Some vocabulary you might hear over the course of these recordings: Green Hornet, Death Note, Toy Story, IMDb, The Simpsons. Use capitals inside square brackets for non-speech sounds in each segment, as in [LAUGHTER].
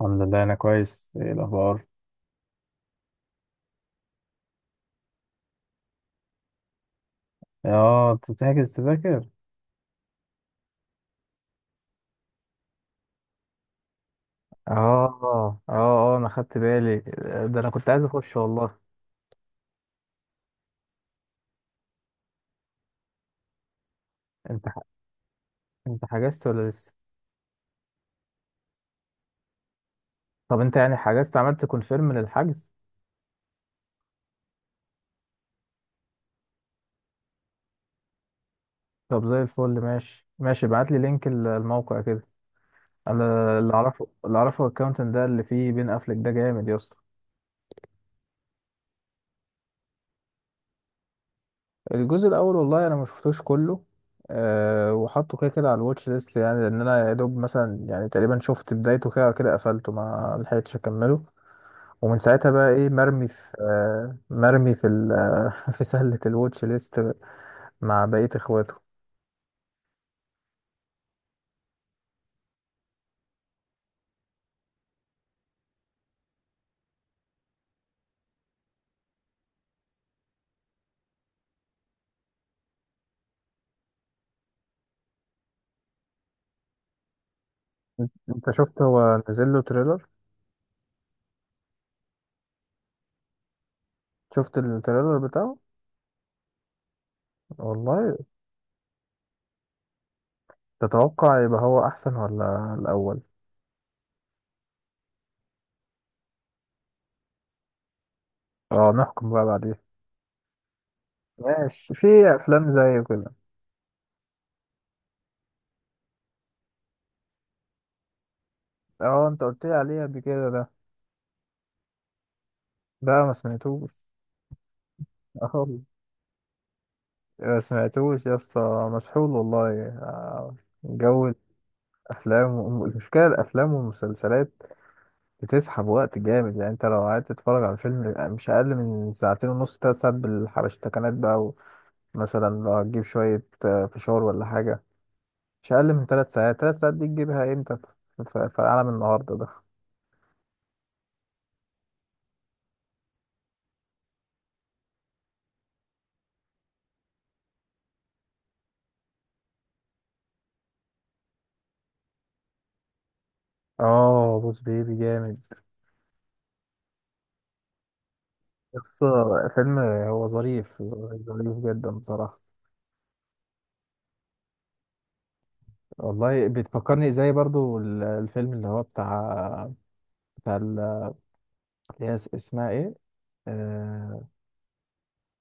الحمد لله، انا كويس. ايه الاخبار؟ اه، انت بتحجز تذاكر؟ اه، اه، اه، انا خدت بالي. ده انا كنت عايز اخش والله. انت ح... انت حجزت ولا لسه؟ طب انت يعني حجزت، عملت كونفيرم للحجز؟ طب زي الفل. ماشي، ماشي، ابعت لي لينك الموقع كده. انا اللي اعرفه الاكونت ده اللي فيه بين افلك، ده جامد يا اسطى. الجزء الاول والله انا ما شفتوش كله. أه، وحطه كده كده على الواتش ليست يعني، لان انا يا دوب مثلا يعني تقريبا شفت بدايته كده كده، قفلته ما لحقتش اكمله. ومن ساعتها بقى ايه، مرمي في [LAUGHS] في سلة الواتش ليست مع بقية اخواته. انت شفت هو نزل له تريلر؟ شفت التريلر بتاعه والله؟ تتوقع يبقى هو احسن ولا الاول؟ اه، نحكم بقى بعدين. ماشي. في افلام زي كده. اه، انت قلت لي عليه قبل كده، ده. ده ما سمعتوش. اه والله. ما سمعتوش يا اسطى. مسحول والله، جو الافلام، المشكله، الافلام والمسلسلات بتسحب وقت جامد يعني. انت لو قعدت تتفرج على فيلم مش اقل من ساعتين ونص، تلات ساعات بالحبشتكنات بقى. ومثلا لو هتجيب شوية فشار ولا حاجة مش اقل من تلات ساعات. تلات ساعات دي تجيبها امتى في عالم النهاردة ده؟ اه، بوس بيبي جامد. بس فيلم هو ظريف، ظريف جدا بصراحة. والله بتفكرني زي برضو الفيلم اللي هو بتاع، بتاع ال- اللي هي اسمها ايه؟ آه...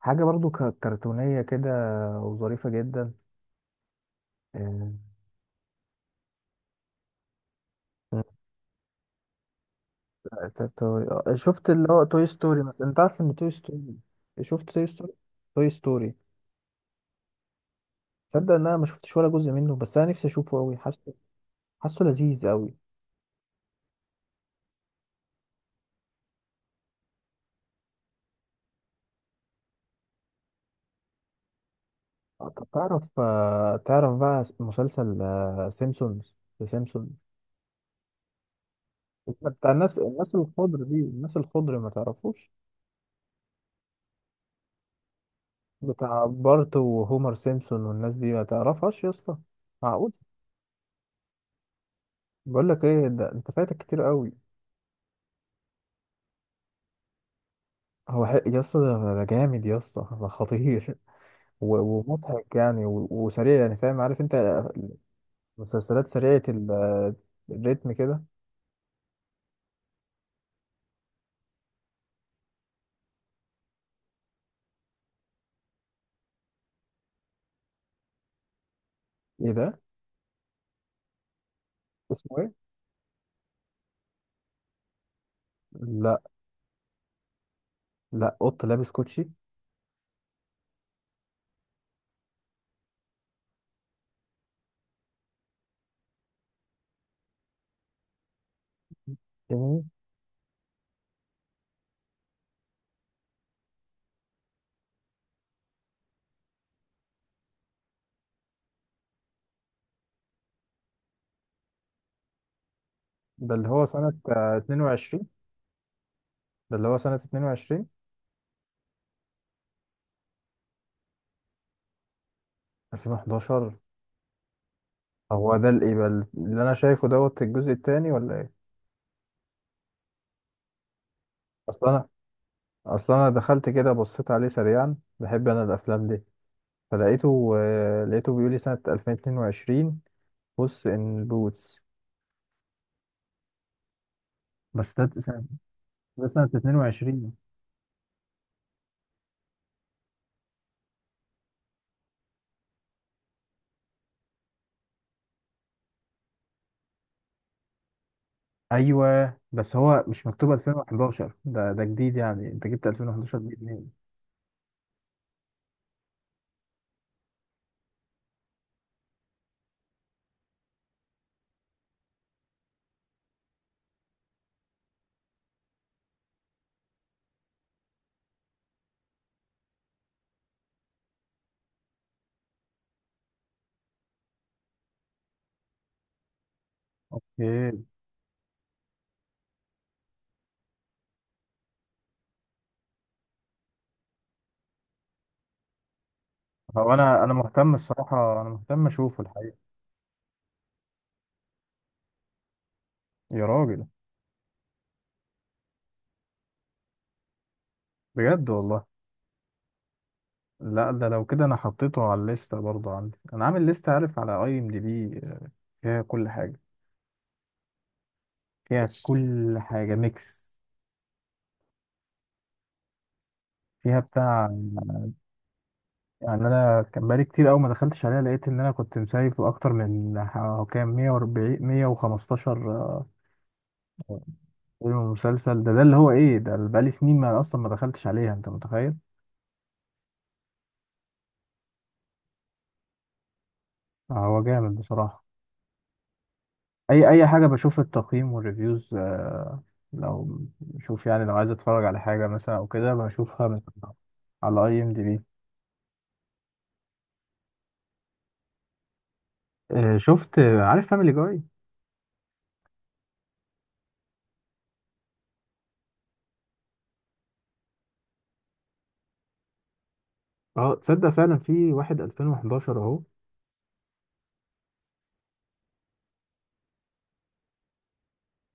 حاجة برضو كرتونية كده، وظريفة جدا. آه، شفت اللي هو توي ستوري مثلا؟ انت عارف ان توي ستوري، شفت توي ستوري؟ توي ستوري، تصدق ان انا ما شفتش ولا جزء منه؟ بس انا نفسي اشوفه قوي، حاسه، حاسه لذيذ قوي. طب تعرف تعرف بقى مسلسل سيمسونز، ذا سيمسونز؟ بتاع الناس الخضر دي، الناس الخضر، ما تعرفوش؟ بتاع بارت وهومر سيمسون والناس دي، ما تعرفهاش يا اسطى؟ معقول؟ بقول لك ايه، ده انت فايتك كتير قوي. هو حق يا اسطى، ده جامد يا اسطى، ده خطير. ومضحك يعني، وسريع يعني، فاهم، عارف انت، مسلسلات سريعة الريتم كده. ايه ده؟ اسمه ايه؟ لا، لا قط لابس كوتشي؟ جميل. ده اللي هو سنة 22؟ ده اللي هو سنة 22؟ 2011؟ هو ده اللي يبقى اللي أنا شايفه دوت الجزء التاني ولا إيه؟ أصل أنا أصل أنا دخلت كده، بصيت عليه سريعا، بحب أنا الأفلام دي. فلقيته آه، لقيته بيقول لي سنة 2022، بص إن بوتس. بس ده سنة 22. ايوه، بس هو مش مكتوب 2011. ده جديد يعني، انت جبت 2011 دي منين؟ اوكي. هو انا مهتم الصراحة، انا مهتم اشوفه الحقيقة. يا راجل. بجد والله. لا، ده لو كده انا حطيته على الليستة برضه. عندي انا عامل لستة عارف، على اي ام دي بي، فيها كل حاجة، فيها كل حاجة ميكس، فيها بتاع يعني. انا كان بقالي كتير قوي ما دخلتش عليها، لقيت ان انا كنت مسايف اكتر من كام، 140، 115. ايوه، المسلسل ده اللي هو ايه، ده اللي بقالي سنين ما اصلا ما دخلتش عليها، انت متخيل. هو جامد بصراحة. اي حاجة بشوف التقييم والريفيوز، لو بشوف يعني لو عايز اتفرج على حاجة مثلا او كده، بشوفها من على اي ام دي بي. شفت، عارف فاميلي جاي؟ اه، تصدق فعلا؟ في واحد 2011 اهو.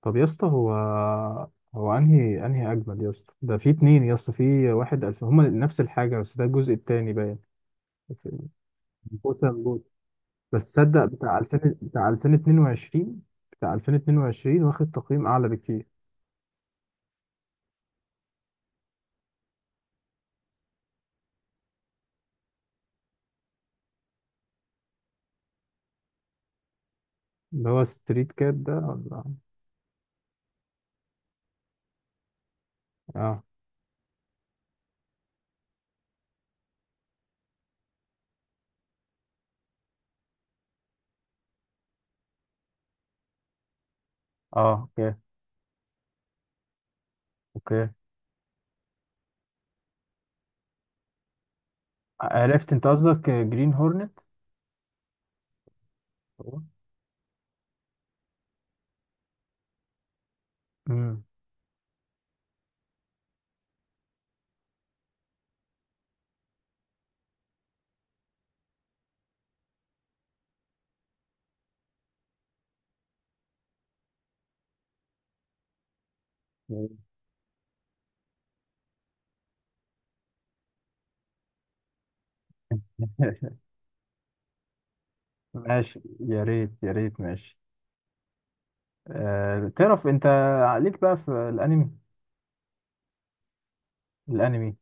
طب يا اسطى، هو انهي اجمد يا اسطى؟ ده في اتنين يا اسطى، في واحد 2000، هما نفس الحاجة بس ده الجزء التاني باين. بوسن، بس تصدق بتاع 2000 بتاع 2022 واخد تقييم اعلى بكتير، اللي هو ستريت كات، ده؟ ولا؟ اه، اه، اوكي، اوكي، عرفت انت قصدك جرين هورنت. امم [LAUGHS] ماشي، يا ريت يا ريت، ماشي. أه، تعرف انت؟ عليك بقى في الانمي، الانمي.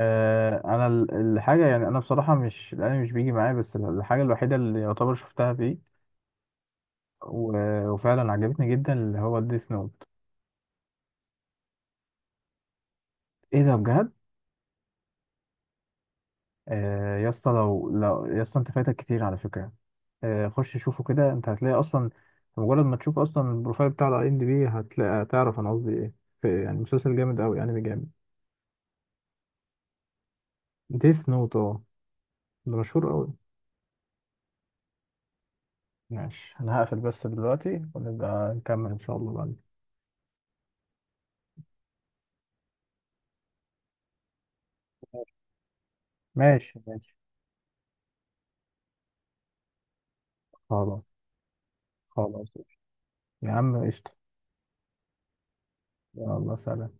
أه، انا الحاجه يعني، انا بصراحه مش الانمي مش بيجي معايا، بس الحاجه الوحيده اللي يعتبر شفتها فيه وفعلا عجبتني جدا، اللي هو ديث نوت. ايه ده؟ بجد؟ آه، يا اسطى، لو يا اسطى، انت فايتك كتير على فكره. آه، خش شوفه كده، انت هتلاقي اصلا، مجرد ما تشوف اصلا البروفايل بتاع الاي ام دي بي، هتلاقي، تعرف انا قصدي ايه. في يعني مسلسل جامد قوي، انمي جامد. ديث نوت، اه، ده مشهور قوي. ماشي، انا هقفل بس دلوقتي ونبقى نكمل ان شاء الله بعدين. ماشي، ماشي. خلاص، خلاص. يا عم قشطه. يلا، سلام.